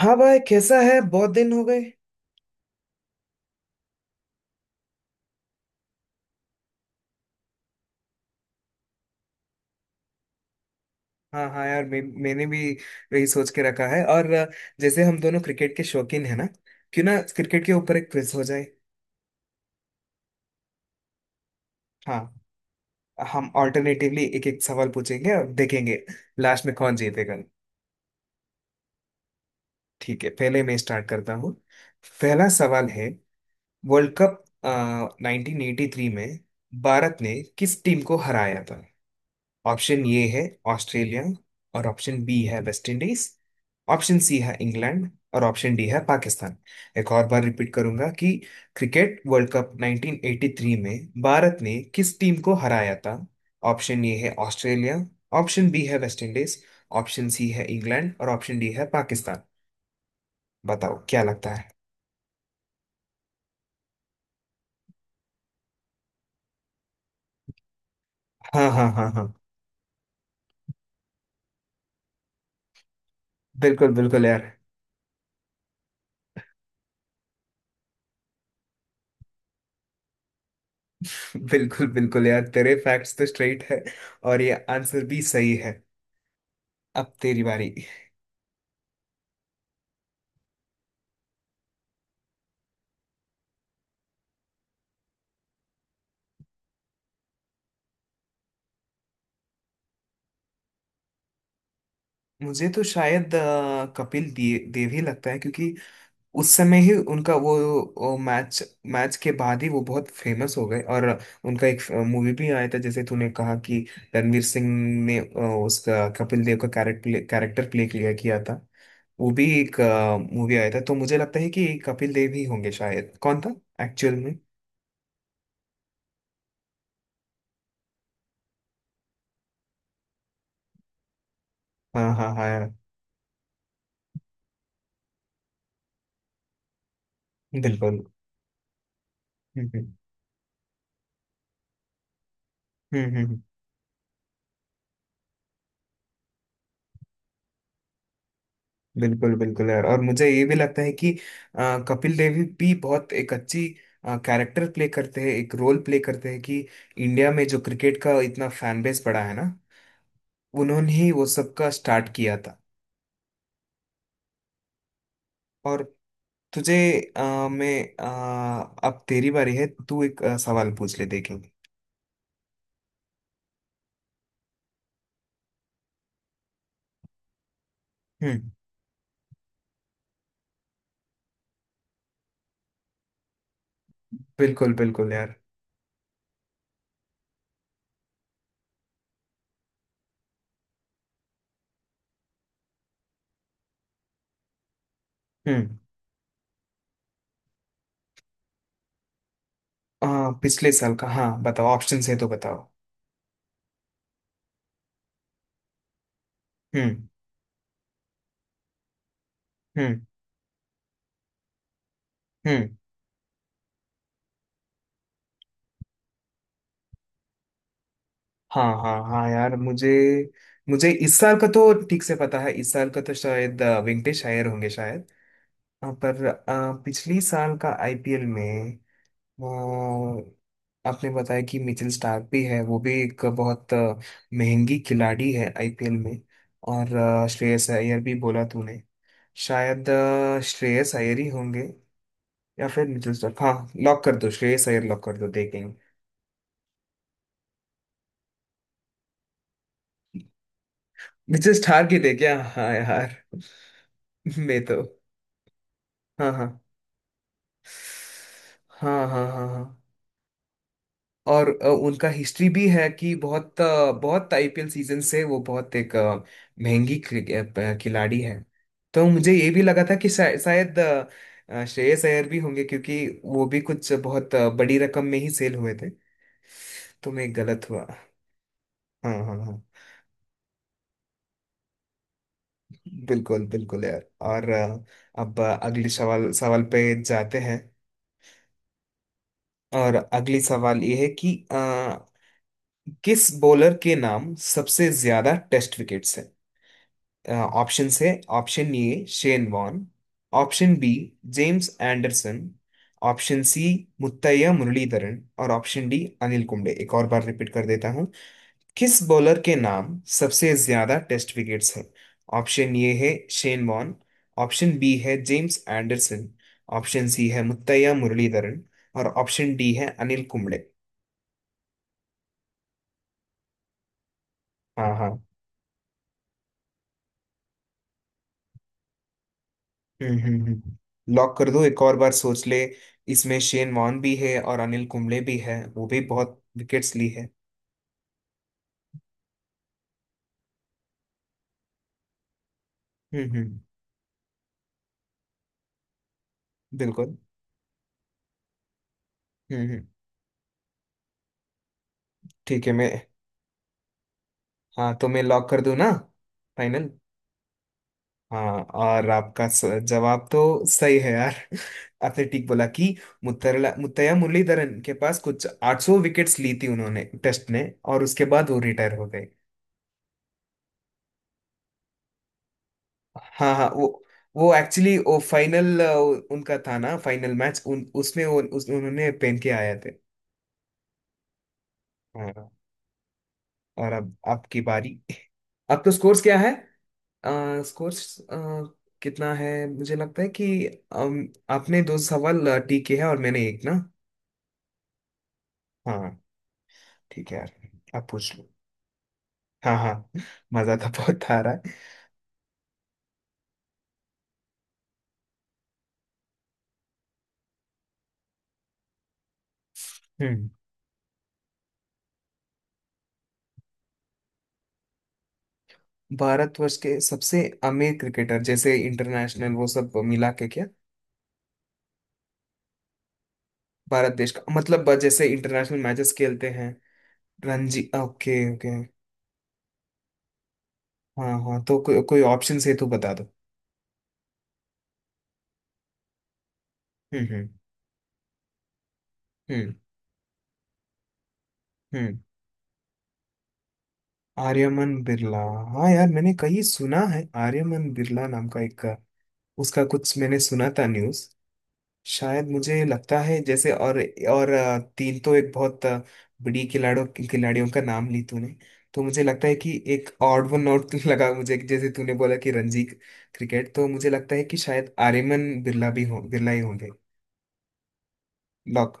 हाँ भाई कैसा है। बहुत दिन हो गए। हाँ हाँ यार, मैंने भी वही सोच के रखा है। और जैसे हम दोनों क्रिकेट के शौकीन है ना, क्यों ना क्रिकेट के ऊपर एक क्विज हो जाए। हाँ। हम ऑल्टरनेटिवली एक एक सवाल पूछेंगे और देखेंगे लास्ट में कौन जीतेगा। ठीक है, पहले मैं स्टार्ट करता हूँ। पहला सवाल है, वर्ल्ड कप 1983 में भारत ने किस टीम को हराया। ऑप्शन ये है ऑस्ट्रेलिया, और ऑप्शन बी है वेस्ट इंडीज, ऑप्शन सी है इंग्लैंड, और ऑप्शन डी है पाकिस्तान। एक और बार रिपीट करूंगा कि क्रिकेट वर्ल्ड कप 1983 में भारत ने किस टीम को हराया था। ऑप्शन ए है ऑस्ट्रेलिया, ऑप्शन बी है वेस्ट इंडीज, ऑप्शन सी है इंग्लैंड, और ऑप्शन डी है पाकिस्तान। बताओ क्या लगता है। हाँ हाँ हाँ हाँ। बिल्कुल बिल्कुल यार। बिल्कुल बिल्कुल यार, तेरे फैक्ट्स तो स्ट्रेट है और ये आंसर भी सही है। अब तेरी बारी। मुझे तो शायद कपिल देव ही लगता है, क्योंकि उस समय ही उनका वो, मैच मैच के बाद ही वो बहुत फेमस हो गए। और उनका एक मूवी भी आया था, जैसे तूने कहा कि रणवीर सिंह ने उसका कपिल देव का कैरेक्टर कैरेक्टर प्ले किया किया था। वो भी एक मूवी आया था, तो मुझे लगता है कि कपिल देव ही होंगे शायद। कौन था एक्चुअल में? हाँ हाँ हाँ। बिल्कुल। हम्म। हम्म। बिल्कुल बिल्कुल यार। और मुझे ये भी लगता है कि अ, कपिल देव भी बहुत एक अच्छी कैरेक्टर प्ले करते हैं, एक रोल प्ले करते हैं कि इंडिया में जो क्रिकेट का इतना फैन बेस बड़ा है ना, उन्होंने ही वो सब का स्टार्ट किया था। और तुझे मैं अब तेरी बारी है, तू एक सवाल पूछ ले देखेंगे। हम्म। बिल्कुल बिल्कुल यार। हम्म। अ, पिछले साल का, हाँ बताओ। ऑप्शंस है तो बताओ। हम्म। हम्म। हम्म। हाँ हाँ हाँ यार, मुझे मुझे इस साल का तो ठीक से पता है। इस साल का तो शायद वेंकटेश अय्यर होंगे शायद। पर पिछली साल का आईपीएल में आपने बताया कि मिचेल स्टार्क भी है, वो भी एक बहुत महंगी खिलाड़ी है आईपीएल में। और श्रेयस अय्यर भी बोला तूने। शायद श्रेयस अय्यर ही होंगे, या फिर मिचेल स्टार्क। हाँ, लॉक कर दो, श्रेयस अय्यर लॉक कर दो, देखेंगे। मिचेल स्टार्क ही देखे। हाँ यार। मैं तो। हाँ हाँ हाँ हाँ। हाँ हाँ। और उनका हिस्ट्री भी है कि बहुत अ, बहुत आईपीएल सीजन से वो बहुत एक महंगी खिलाड़ी है। तो मुझे ये भी लगा था कि शायद श्रेयस अय्यर भी होंगे, क्योंकि वो भी कुछ बहुत बड़ी रकम में ही सेल हुए थे। तो मैं गलत हुआ। हाँ हाँ हाँ। बिल्कुल बिल्कुल यार। और अब अगले सवाल सवाल पे जाते हैं। और अगली सवाल ये है कि किस बॉलर के नाम सबसे ज्यादा टेस्ट विकेट्स हैं। ऑप्शन है, option A Shane Warne, option B James Anderson, option C Muttiah Muralitharan, और ऑप्शन डी अनिल कुंबले। एक और बार रिपीट कर देता हूँ, किस बॉलर के नाम सबसे ज्यादा टेस्ट विकेट्स हैं। ऑप्शन ए है शेन वॉन, ऑप्शन बी है जेम्स एंडरसन, ऑप्शन सी है मुत्तैया मुरलीधरन, और ऑप्शन डी है अनिल कुंबले। हाँ हाँ। हम्म। लॉक कर दो, एक और बार सोच ले। इसमें शेन वॉन भी है और अनिल कुंबले भी है, वो भी बहुत विकेट्स ली है। हम्म। बिल्कुल। हम्म। ठीक है, मैं। हाँ तो मैं लॉक कर दूं ना, फाइनल। हाँ और आपका जवाब तो सही है यार। आपने ठीक बोला कि मुत्तरला मुत्तैया मुरलीधरन के पास कुछ 800 विकेट्स ली थी उन्होंने टेस्ट में। और उसके बाद वो रिटायर हो गए। हाँ हाँ, वो एक्चुअली वो फाइनल उनका था ना, फाइनल मैच। उन उसमें वो उन्होंने पहन के आए थे। हाँ। और अब आपकी बारी। अब तो स्कोर्स क्या है? स्कोर्स कितना है, मुझे लगता है कि आपने दो सवाल ठीक किए हैं और मैंने एक, ना? हाँ, ठीक है यार, आप पूछ लो। हाँ हाँ। मजा तो बहुत आ रहा है। हम्म। भारतवर्ष के सबसे अमीर क्रिकेटर, जैसे इंटरनेशनल? वो सब मिला के क्या? भारत देश का मतलब जैसे इंटरनेशनल मैचेस खेलते हैं? Ranji, okay okay. हाँ हाँ तो कोई ऑप्शन है तो बता दो। हम्म हम्म हम्म हम्म। आर्यमन बिरला। हाँ यार, मैंने कहीं सुना है आर्यमन बिरला नाम का एक, उसका कुछ मैंने सुना था न्यूज। शायद, मुझे लगता है जैसे। और तीन तो एक बहुत बड़ी खिलाड़ियों खिलाड़ियों का नाम ली तूने। तो मुझे लगता है कि एक ऑड वन आउट लगा मुझे, कि जैसे तूने बोला कि रणजी क्रिकेट, तो मुझे लगता है कि शायद आर्यमन बिरला भी हो, बिरला ही होंगे। लॉक।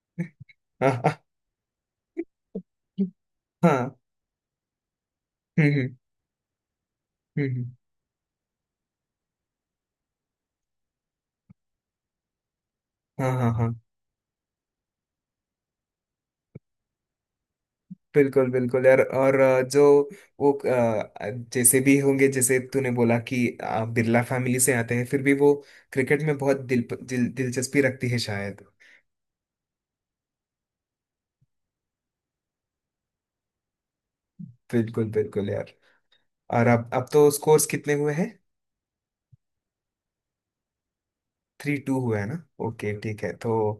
हाँ हाँ। हम्म। हम्म हम्म। हाँ हाँ हाँ। बिल्कुल बिल्कुल यार। और जो वो जैसे भी होंगे, जैसे तूने बोला कि बिरला फैमिली से आते हैं, फिर भी वो क्रिकेट में बहुत दिल, दिल दिलचस्पी रखती है शायद। बिल्कुल बिल्कुल यार। और अब तो स्कोर्स कितने हुए हैं? थ्री टू हुआ है ना? ओके ठीक है। तो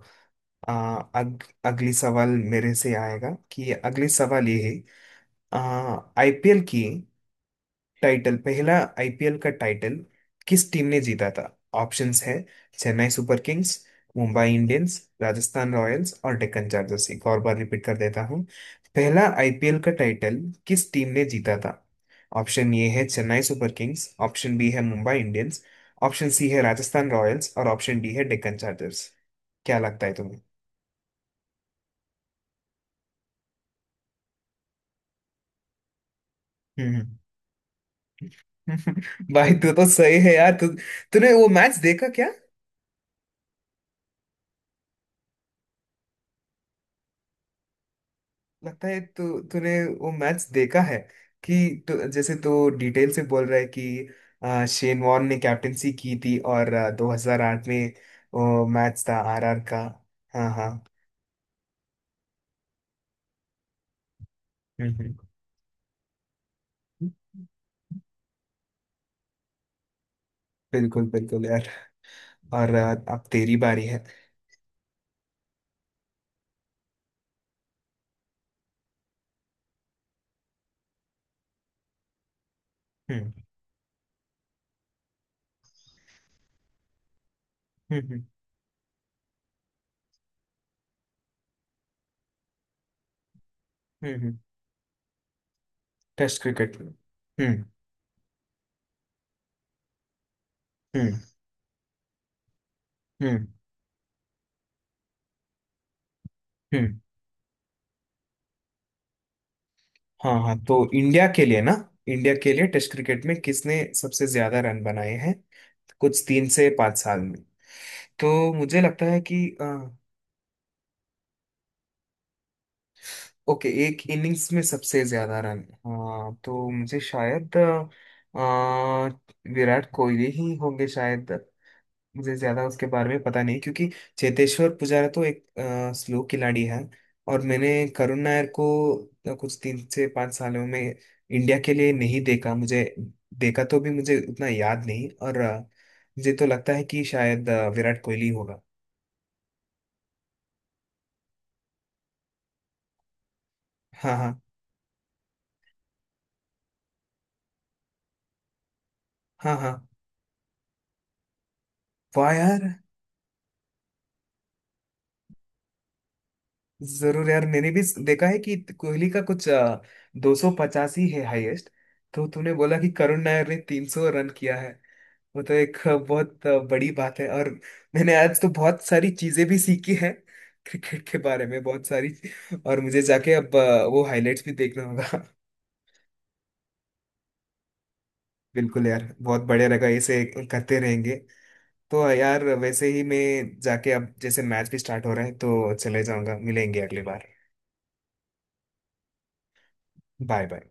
अ, अगली सवाल मेरे से आएगा कि, अगली सवाल ये है, आईपीएल की टाइटल, पहला आईपीएल का टाइटल किस टीम ने जीता था? ऑप्शंस है Chennai Super Kings, Mumbai Indians, Rajasthan Royals, और डेक्कन चार्जर्स। एक और बार रिपीट कर देता हूँ, पहला आईपीएल का टाइटल किस टीम ने जीता था। ऑप्शन ए है Chennai Super Kings, option B है मुंबई इंडियंस, ऑप्शन सी है राजस्थान रॉयल्स, और ऑप्शन डी है डेक्कन चार्जर्स। क्या लगता है तुम्हें? हम्म। भाई तू तो सही है यार। तू तूने वो मैच देखा क्या? लगता है तू, तूने वो मैच देखा है, कि तू, जैसे तू डिटेल से बोल रहा है कि शेन वॉर्न ने कैप्टेंसी की थी, और 2008 में वो मैच था आरआर का। हाँ हाँ। हम्म हम्म। बिल्कुल बिल्कुल यार। और अब तेरी बारी है। हम्म हम्म हम्म हम्म हम्म। टेस्ट क्रिकेट, हम्म हम्म हम्म। हाँ हाँ तो इंडिया के लिए ना? इंडिया के लिए टेस्ट क्रिकेट में किसने सबसे ज्यादा रन बनाए हैं, कुछ 3 से 5 साल में? तो मुझे लगता है कि अ, ओके, एक इनिंग्स में सबसे ज्यादा रन। हाँ, तो मुझे शायद विराट कोहली ही होंगे शायद। मुझे ज्यादा उसके बारे में पता नहीं, क्योंकि चेतेश्वर पुजारा तो एक स्लो खिलाड़ी है। और मैंने करुण नायर को कुछ 3 से 5 सालों में इंडिया के लिए नहीं देखा, मुझे देखा तो भी मुझे उतना याद नहीं। और मुझे तो लगता है कि शायद विराट कोहली होगा। हाँ हाँ हाँ हाँ। वाह यार। जरूर यार, मैंने भी देखा है कि कोहली का कुछ 285 है हाईएस्ट। तो तूने बोला कि करुण नायर ने 300 रन किया है, वो तो एक बहुत बड़ी बात है। और मैंने आज तो बहुत सारी चीजें भी सीखी है क्रिकेट के बारे में, बहुत सारी। और मुझे जाके अब वो हाइलाइट्स भी देखना होगा। बिल्कुल यार, बहुत बढ़िया लगा ऐसे, करते रहेंगे। तो यार वैसे ही मैं जाके अब, जैसे मैच भी स्टार्ट हो रहा है, तो चले जाऊंगा, मिलेंगे अगली बार। Bye bye.